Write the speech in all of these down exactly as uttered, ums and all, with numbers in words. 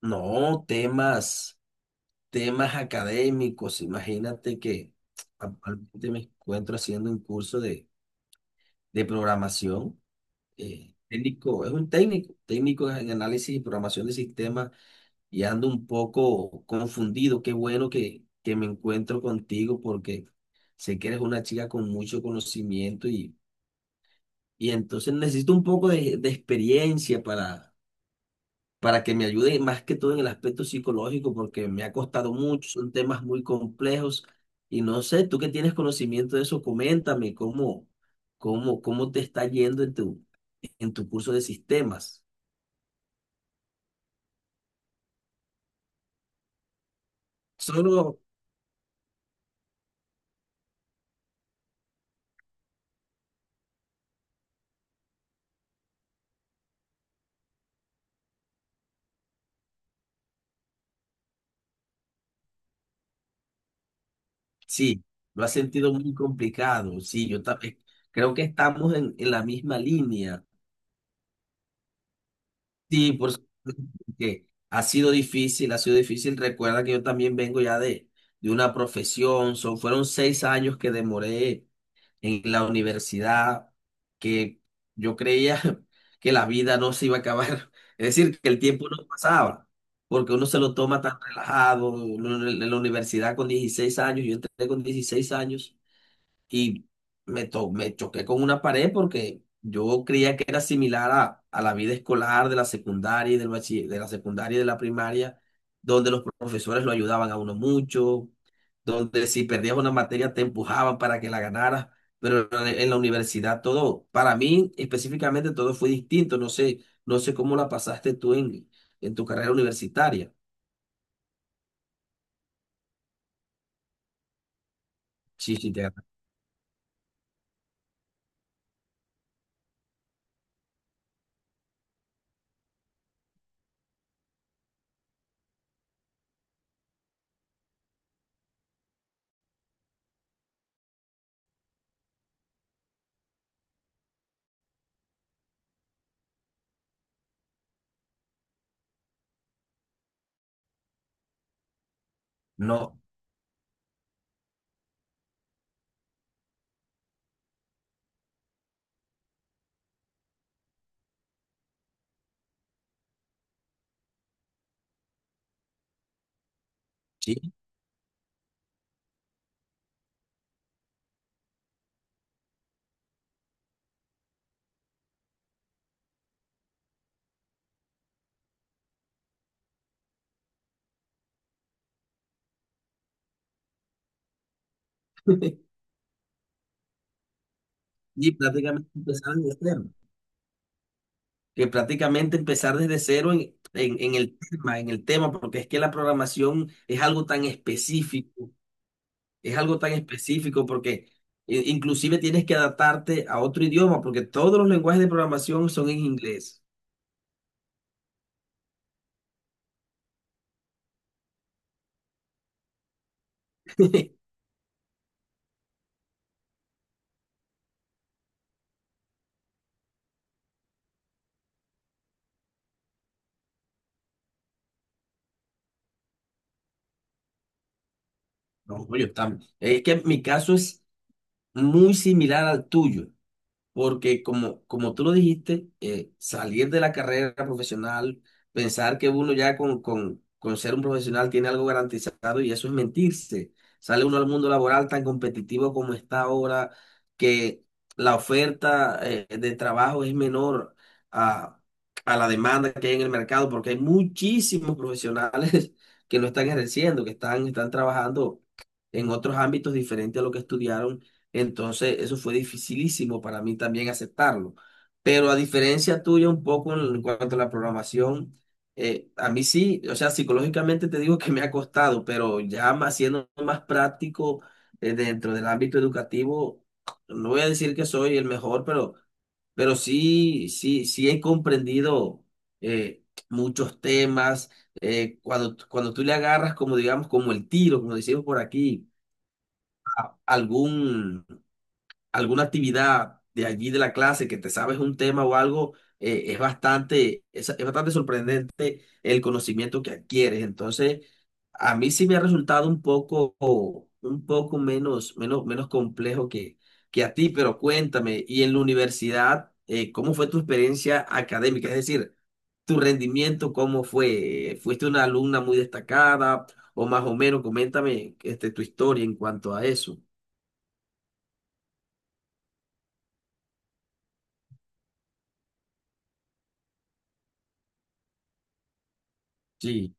No, temas, temas académicos. Imagínate que actualmente me encuentro haciendo un curso de, de programación. Eh, técnico, es un técnico, técnico en análisis y programación de sistemas, y ando un poco confundido. Qué bueno que, que me encuentro contigo porque sé que eres una chica con mucho conocimiento y, y entonces necesito un poco de, de experiencia para para que me ayude más que todo en el aspecto psicológico, porque me ha costado mucho, son temas muy complejos y no sé, tú que tienes conocimiento de eso, coméntame cómo, cómo, cómo te está yendo en tu, en tu curso de sistemas. Solo, sí, lo has sentido muy complicado, sí, yo también creo que estamos en, en la misma línea. Sí, por supuesto que ha sido difícil, ha sido difícil. Recuerda que yo también vengo ya de, de una profesión, son, fueron seis años que demoré en la universidad, que yo creía que la vida no se iba a acabar, es decir, que el tiempo no pasaba, porque uno se lo toma tan relajado, uno en en la universidad con dieciséis años, yo entré con dieciséis años y me, to- me choqué con una pared porque yo creía que era similar a, a la vida escolar de la secundaria y del bachi- de la secundaria y de la primaria, donde los profesores lo ayudaban a uno mucho, donde si perdías una materia te empujaban para que la ganaras, pero en la en la universidad todo, para mí específicamente todo fue distinto, no sé, no sé cómo la pasaste tú en, en tu carrera universitaria. Sí, sí, te- no, sí. Y prácticamente empezaron de cero. Que prácticamente empezar desde cero en, en, en el tema, en el tema, porque es que la programación es algo tan específico, es algo tan específico porque eh, inclusive tienes que adaptarte a otro idioma, porque todos los lenguajes de programación son en inglés. No, yo tam- es que mi caso es muy similar al tuyo. Porque como, como tú lo dijiste, eh, salir de la carrera profesional, pensar que uno ya con, con, con ser un profesional tiene algo garantizado, y eso es mentirse. Sale uno al mundo laboral tan competitivo como está ahora, que la oferta eh, de trabajo es menor a, a la demanda que hay en el mercado, porque hay muchísimos profesionales que no están ejerciendo, que están, están trabajando en otros ámbitos diferentes a lo que estudiaron. Entonces, eso fue dificilísimo para mí también aceptarlo. Pero a diferencia tuya un poco en en cuanto a la programación, eh, a mí sí, o sea, psicológicamente te digo que me ha costado, pero ya más siendo más práctico eh, dentro del ámbito educativo, no voy a decir que soy el mejor, pero, pero sí, sí, sí he comprendido eh, muchos temas. Eh, cuando, cuando tú le agarras como, digamos, como el tiro, como decimos por aquí, a- algún alguna actividad de allí de la clase que te sabes un tema o algo, eh, es bastante, es, es bastante sorprendente el conocimiento que adquieres. Entonces, a mí sí me ha resultado un poco, un poco menos, menos, menos complejo que, que a ti, pero cuéntame, y en la universidad, eh, ¿cómo fue tu experiencia académica? Es decir, tu rendimiento, ¿cómo fue? ¿Fuiste una alumna muy destacada? O más o menos, coméntame este, tu historia en cuanto a eso. Sí.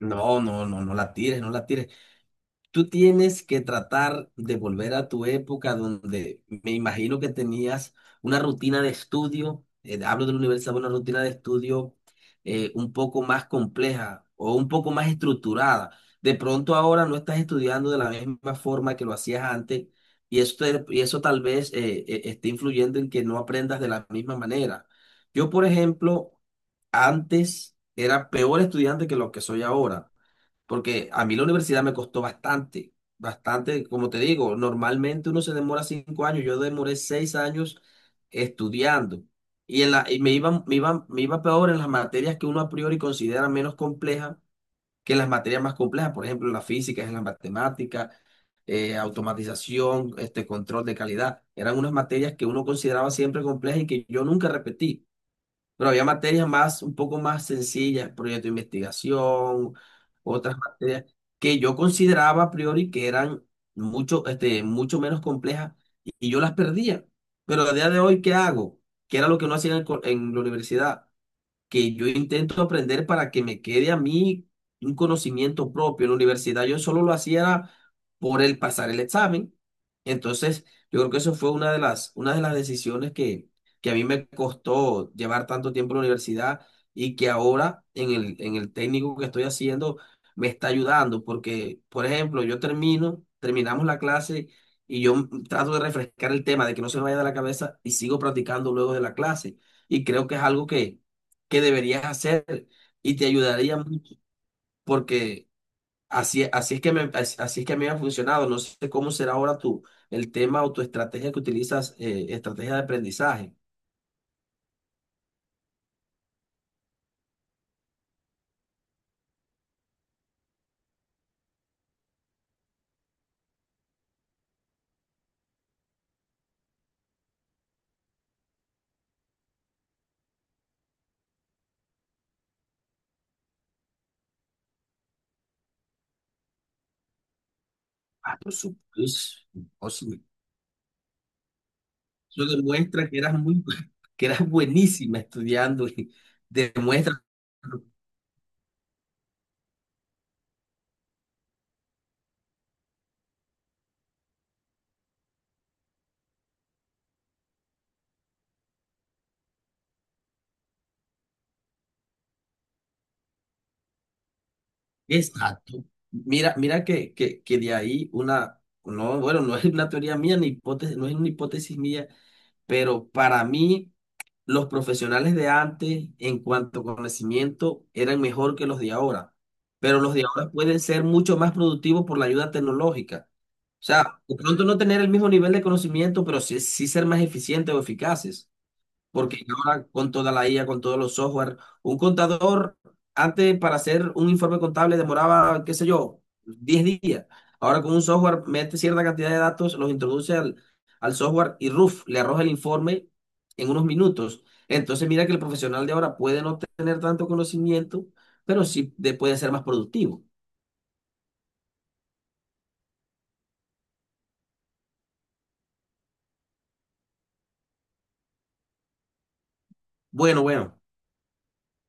No, no, no, no la tires, no la tires. Tú tienes que tratar de volver a tu época donde me imagino que tenías una rutina de estudio, eh, hablo de la universidad, una rutina de estudio eh, un poco más compleja o un poco más estructurada. De pronto ahora no estás estudiando de la misma forma que lo hacías antes, y esto er, y eso tal vez eh, eh, esté influyendo en que no aprendas de la misma manera. Yo, por ejemplo, antes era peor estudiante que lo que soy ahora. Porque a mí la universidad me costó bastante, bastante, como te digo, normalmente uno se demora cinco años, yo demoré seis años estudiando. Y, en la, y me iba, me iba, me iba peor en las materias que uno a priori considera menos complejas que en las materias más complejas, por ejemplo, en la física, en la matemática, eh, automatización, este control de calidad. Eran unas materias que uno consideraba siempre complejas y que yo nunca repetí. Pero había materias más, un poco más sencillas, proyecto de investigación, otras materias que yo consideraba a priori que eran mucho, este, mucho menos complejas, y y yo las perdía. Pero a día de hoy, ¿qué hago? ¿Qué era lo que no hacía en, el co- en la universidad? Que yo intento aprender para que me quede a mí un conocimiento propio. En la universidad yo solo lo hacía era por el pasar el examen. Entonces, yo creo que eso fue una de las, una de las decisiones que, que a mí me costó llevar tanto tiempo en la universidad, y que ahora en el, en el técnico que estoy haciendo me está ayudando porque, por ejemplo, yo termino, terminamos la clase y yo mm, trato de refrescar el tema, de que no se me vaya de la cabeza, y sigo practicando luego de la clase. Y creo que es algo que que deberías hacer y te ayudaría mucho porque así, así es que me, as- así es que a mí me ha funcionado. No sé cómo será ahora tu, el tema o tu estrategia que utilizas, eh, estrategia de aprendizaje. Ah, por supuesto. O sea, eso demuestra que eras muy, que eras buenísima estudiando. Y demuestra. Exacto. Mira, mira que, que, que de ahí una, no, bueno, no es una teoría mía, ni hipótesis, no es una hipótesis mía, pero para mí los profesionales de antes, en cuanto a conocimiento, eran mejor que los de ahora, pero los de ahora pueden ser mucho más productivos por la ayuda tecnológica. O sea, de pronto no tener el mismo nivel de conocimiento, pero sí, sí ser más eficientes o eficaces. Porque ahora con toda la I A, con todos los software, un contador antes para hacer un informe contable demoraba, qué sé yo, diez días. Ahora con un software mete cierta cantidad de datos, los introduce al, al software y RUF le arroja el informe en unos minutos. Entonces mira que el profesional de ahora puede no tener tanto conocimiento, pero sí de- puede ser más productivo. Bueno, bueno,